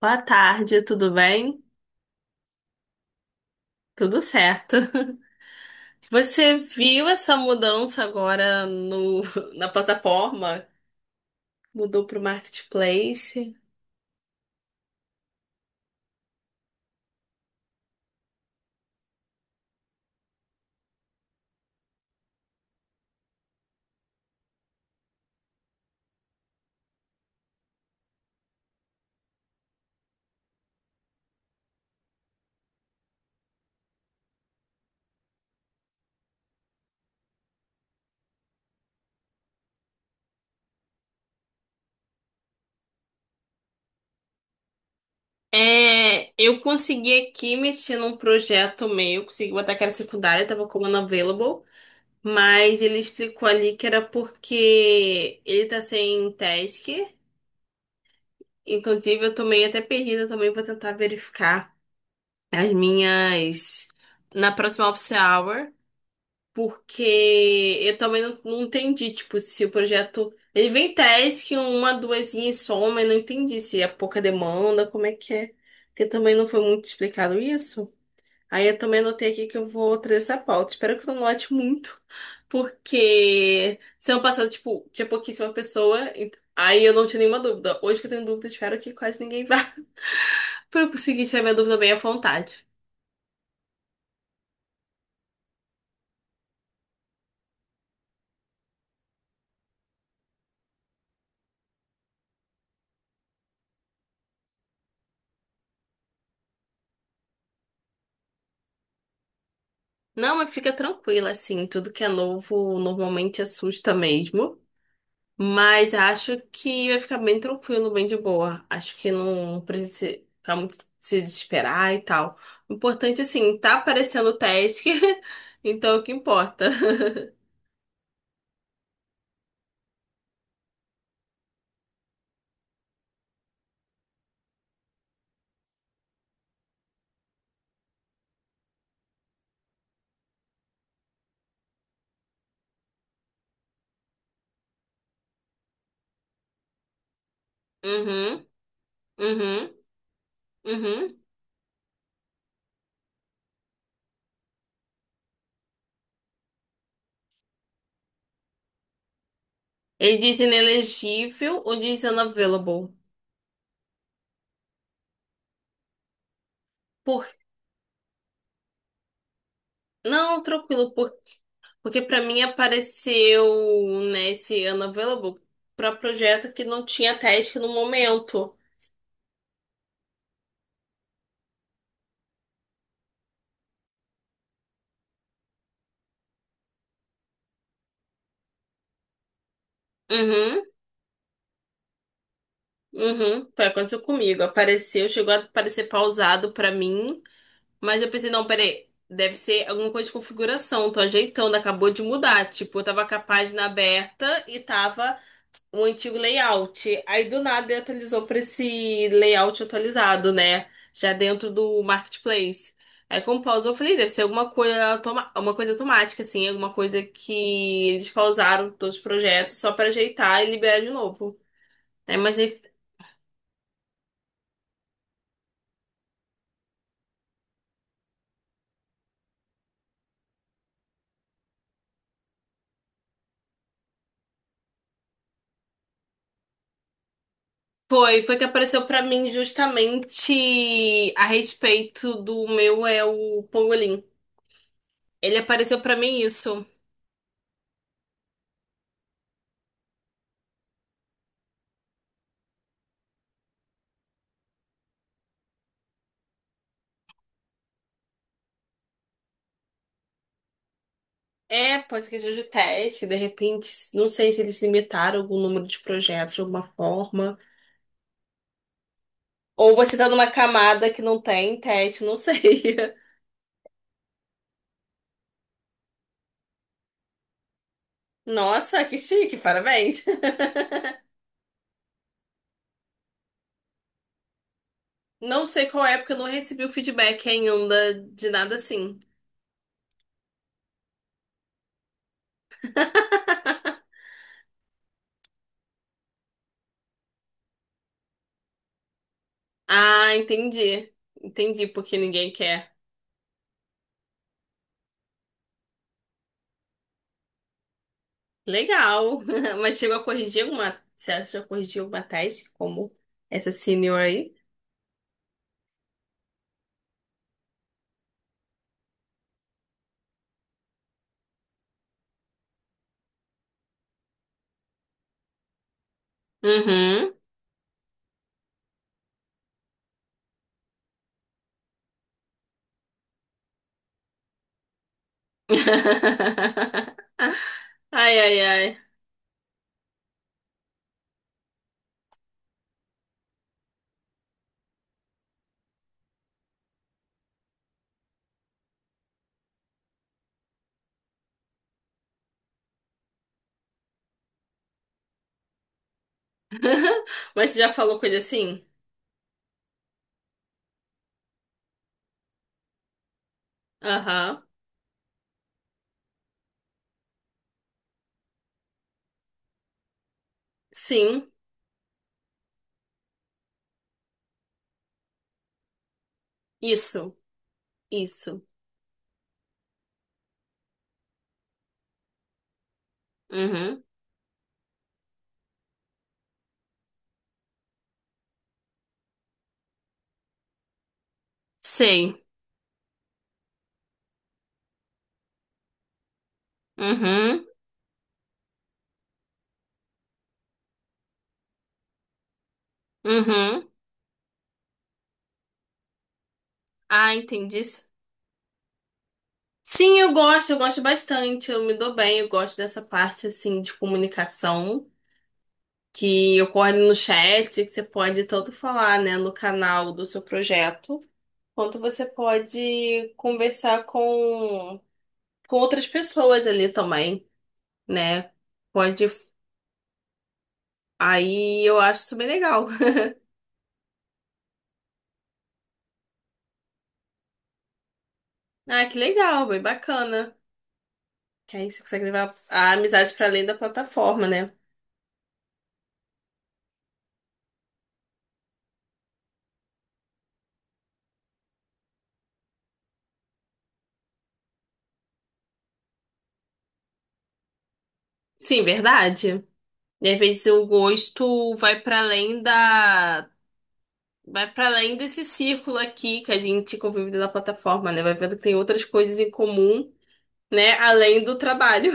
Boa tarde, tudo bem? Tudo certo. Você viu essa mudança agora no, na plataforma? Mudou para o Marketplace? É, eu consegui aqui mexer num projeto meu, consegui botar que era secundária, estava como unavailable, mas ele explicou ali que era porque ele tá sem task. Inclusive, eu tô meio até perdida também, vou tentar verificar as minhas na próxima office hour. Porque eu também não entendi, tipo, se o projeto. Ele vem teste que uma, duas e soma, eu não entendi se é pouca demanda, como é que é. Porque também não foi muito explicado isso. Aí eu também anotei aqui que eu vou trazer essa pauta. Espero que eu não note muito, porque semana passada, tipo, tinha pouquíssima pessoa, aí eu não tinha nenhuma dúvida. Hoje que eu tenho dúvida, espero que quase ninguém vá. Pra eu conseguir tirar minha dúvida bem à vontade. Não, mas fica tranquila, assim, tudo que é novo normalmente assusta mesmo. Mas acho que vai ficar bem tranquilo, bem de boa. Acho que não precisa ficar muito se desesperar e tal. O importante, assim, tá aparecendo o teste, então é o que importa. Uhum, uhum, uhum. Ele diz inelegível ou diz unavailable? Por... Não, tranquilo, porque pra mim apareceu, né, esse unavailable pra projeto que não tinha teste no momento. Uhum, uhum. Foi, aconteceu comigo. Apareceu, chegou a aparecer pausado pra mim, mas eu pensei, não, peraí, deve ser alguma coisa de configuração, tô ajeitando, acabou de mudar. Tipo, eu tava com a página aberta e tava o antigo layout. Aí do nada ele atualizou para esse layout atualizado, né? Já dentro do marketplace. Aí com pausa eu falei, deve ser alguma coisa, uma coisa automática, assim, alguma coisa que eles pausaram todos os projetos só para ajeitar e liberar de novo. Aí, mas foi, foi que apareceu para mim justamente a respeito do meu é o Pangolin. Ele apareceu para mim isso. É, pode ser que seja de teste, de repente, não sei se eles limitaram algum número de projetos de alguma forma. Ou você tá numa camada que não tem teste, não sei. Nossa, que chique, parabéns. Não sei qual é, porque eu não recebi o feedback ainda de nada assim. Ah, entendi. Entendi porque ninguém quer. Legal. Mas chegou a corrigir alguma. Você acha que já corrigiu alguma tese, como essa senior aí? Uhum. Ai, ai, ai. Mas você já falou com ele assim? Aham. Sim. Isso. Isso. Uhum. Sei. Uhum. Uhum. Ah, entendi. Sim, eu gosto bastante. Eu me dou bem, eu gosto dessa parte assim de comunicação que ocorre no chat, que você pode tanto falar, né, no canal do seu projeto, quanto você pode conversar com outras pessoas ali também, né? Pode. Aí eu acho isso bem legal. Ah, que legal, bem bacana. Que aí você consegue levar a amizade para além da plataforma, né? Sim, verdade. E às vezes o gosto vai para além da. Vai para além desse círculo aqui que a gente convive na plataforma, né? Vai vendo que tem outras coisas em comum, né? Além do trabalho.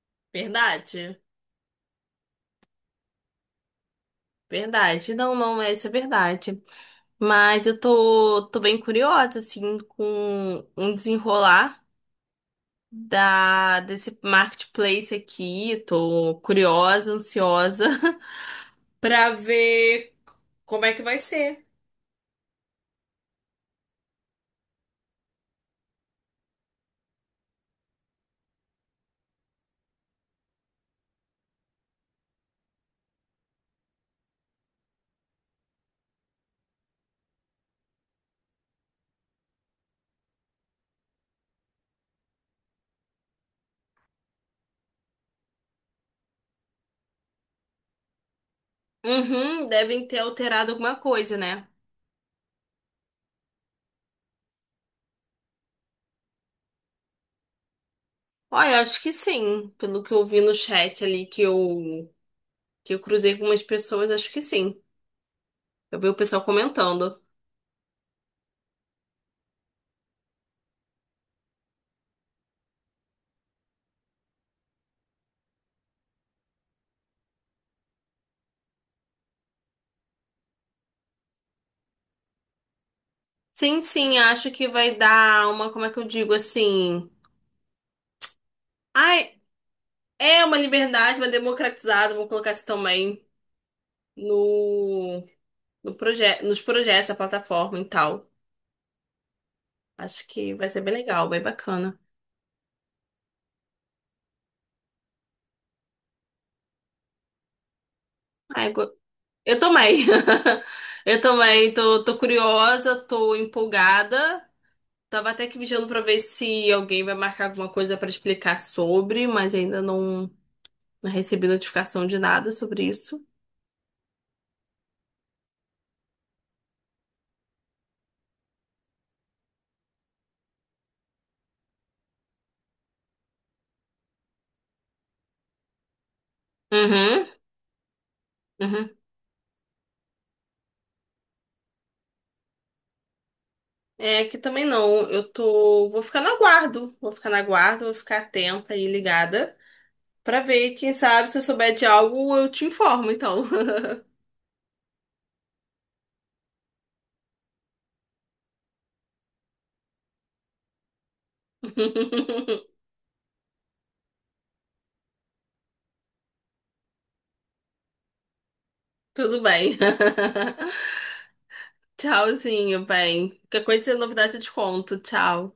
Verdade. Verdade. Não, não, essa é verdade. Mas eu tô, tô bem curiosa, assim, com um desenrolar. Da desse marketplace aqui. Tô curiosa, ansiosa pra ver como é que vai ser. Uhum, devem ter alterado alguma coisa, né? Olha, eu acho que sim. Pelo que eu vi no chat ali que eu cruzei com umas pessoas, acho que sim. Eu vi o pessoal comentando. Sim, sim, acho que vai dar uma, como é que eu digo assim? Ai, é uma liberdade, uma democratizada, vou colocar isso também no no proje nos projetos da plataforma e tal. Acho que vai ser bem legal, bem bacana. Ai, eu também. Eu também tô, tô curiosa, tô empolgada. Tava até que vigiando pra ver se alguém vai marcar alguma coisa pra explicar sobre, mas ainda não, não recebi notificação de nada sobre isso. Uhum, uhum. É que também não. Eu tô. Vou ficar no aguardo. Vou ficar na guarda, vou ficar atenta e ligada. Pra ver, quem sabe, se eu souber de algo, eu te informo, então. Tudo bem. Tchauzinho, bem. Qualquer coisa, novidade eu te conto. Tchau.